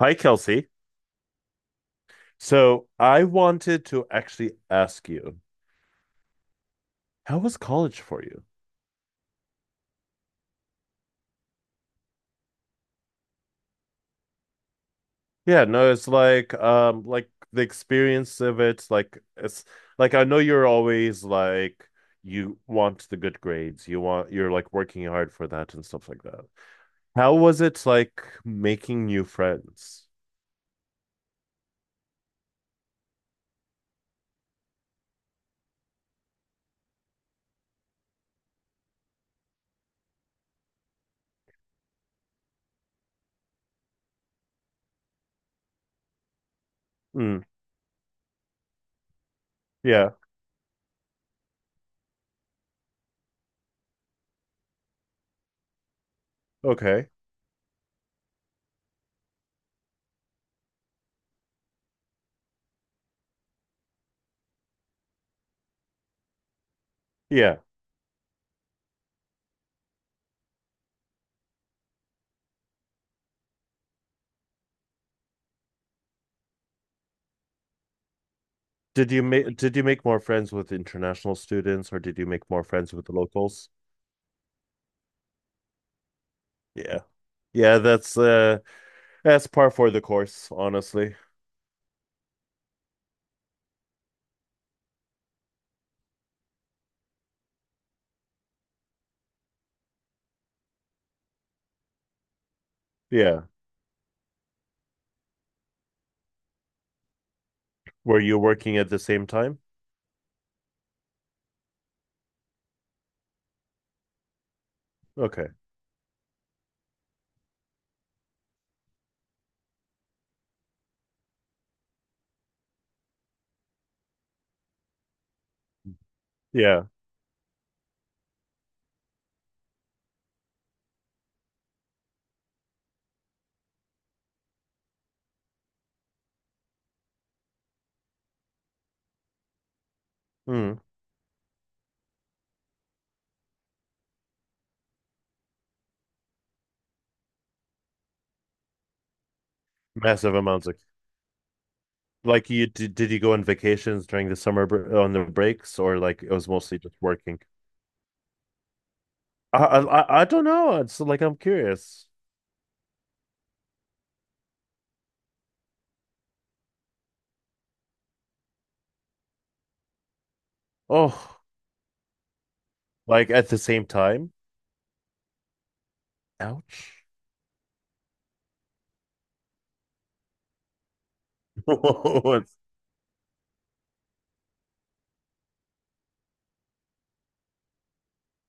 Hi, Kelsey. So I wanted to actually ask you, how was college for you? Yeah, no, it's like the experience of it, like it's like I know you're always like you want the good grades, you're like working hard for that and stuff like that. How was it like making new friends? Mm, yeah, okay. Yeah. Did you make more friends with international students or did you make more friends with the locals? Yeah. Yeah, that's par for the course, honestly. Yeah. Were you working at the same time? Okay. Yeah. Mm. Massive amounts of like did you go on vacations during the summer br on the breaks, or like it was mostly just working? I don't know. It's like I'm curious. Oh, like at the same time? Ouch. It's-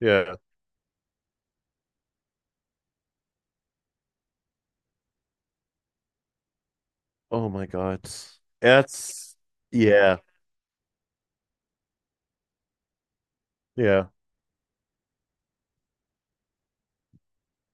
Yeah. Oh my God. That's yeah. Yeah.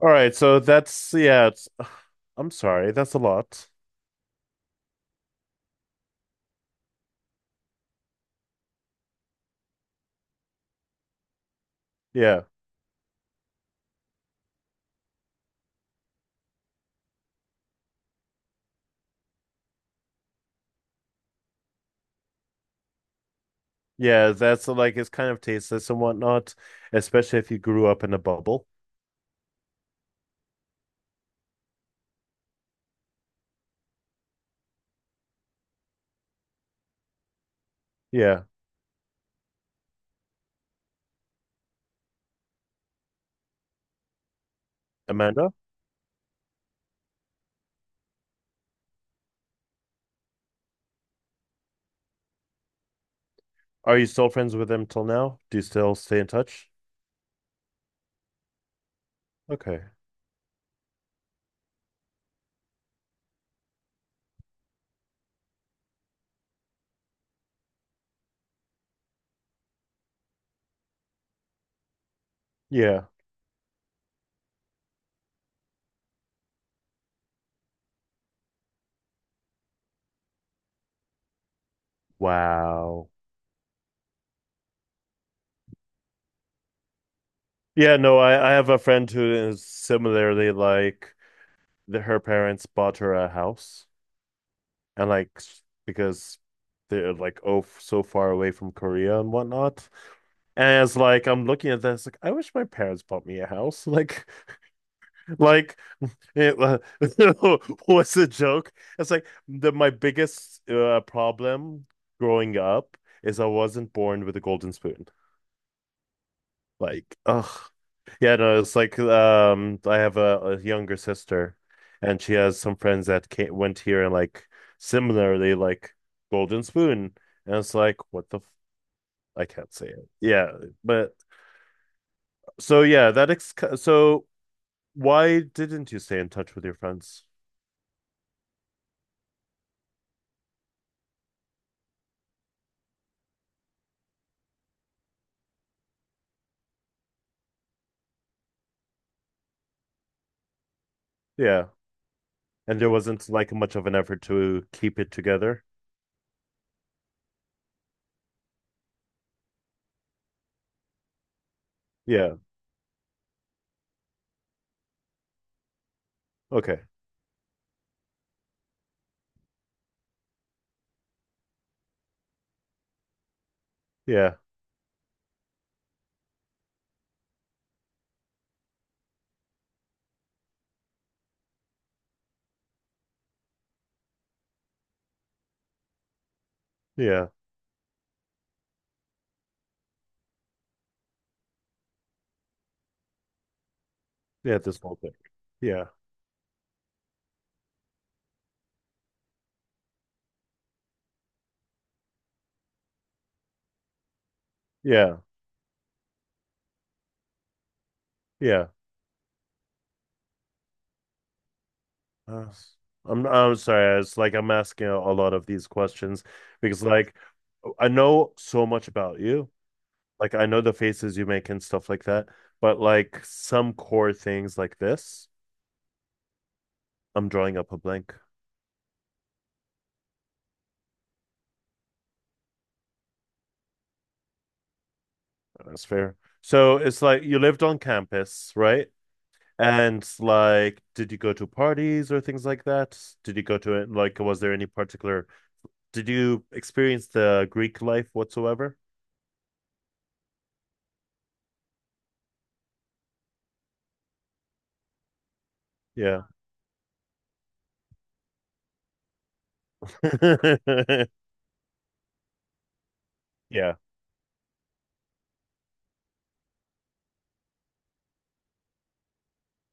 All right, so that's yeah, it's I'm sorry. That's a lot. Yeah. Yeah, that's like it's kind of tasteless and whatnot, especially if you grew up in a bubble. Yeah. Amanda, are you still friends with them till now? Do you still stay in touch? Okay. Yeah. Wow. Yeah, no, I have a friend who is similarly like her parents bought her a house, and like because they're like so far away from Korea and whatnot. And it's like I'm looking at this like I wish my parents bought me a house. Like It wa- was a joke. It's like the my biggest problem growing up is I wasn't born with a golden spoon. Like, ugh, yeah, no, it's like I have a younger sister, and she has some friends that went here and like similarly like golden spoon, and it's like what the f. I can't say it. Yeah, but so yeah, that ex so why didn't you stay in touch with your friends? Yeah. And there wasn't like much of an effort to keep it together. Yeah. Okay. Yeah. Yeah. Yeah. This whole thing. Yeah. Yeah. Yeah. Uh, I'm sorry. It's like I'm asking a lot of these questions because like I know so much about you. Like I know the faces you make and stuff like that, but like some core things like this, I'm drawing up a blank. That's fair. So it's like you lived on campus, right? And like, did you go to parties or things like that? Did you go to it? Like, was there any particular, did you experience the Greek life whatsoever? Yeah. Yeah.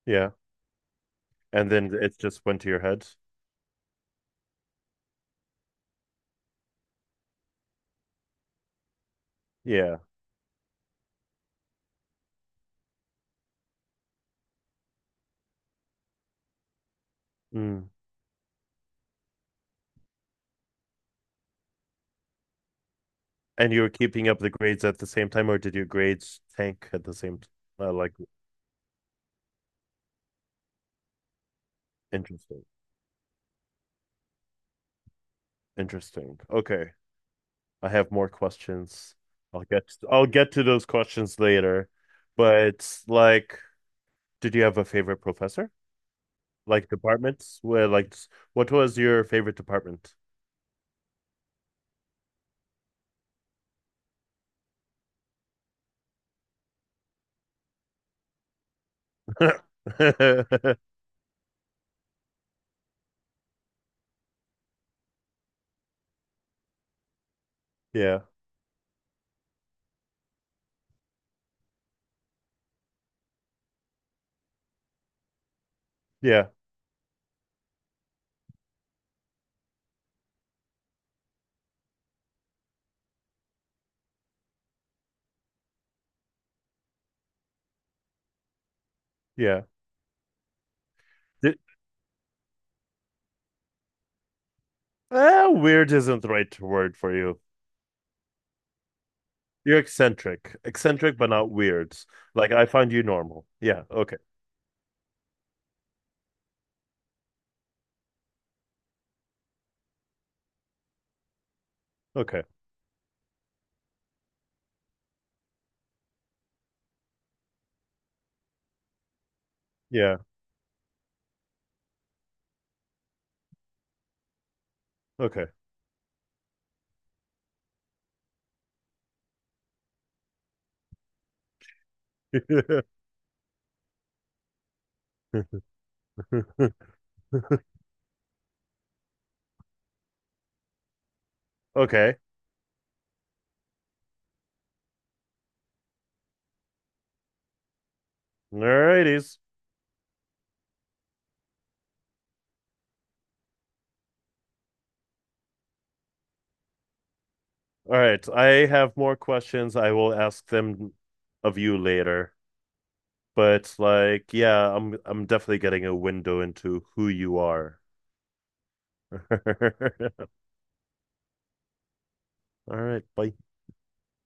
Yeah. And then it just went to your head. Yeah. Mm. And you were keeping up the grades at the same time, or did your grades tank at the same t uh, like, interesting. Interesting. Okay. I have more questions. I'll get I'll get to those questions later. But like, did you have a favorite professor? Like departments? What was your favorite department? Yeah. Yeah. Yeah. Did, eh, weird isn't the right word for you. You're eccentric. Eccentric but not weird. Like I find you normal. Yeah. Okay. Okay. Yeah. Okay. Okay. Alrighties. All right. I have more questions. I will ask them of you later. But like, yeah, I'm definitely getting a window into who you are. All right. Bye.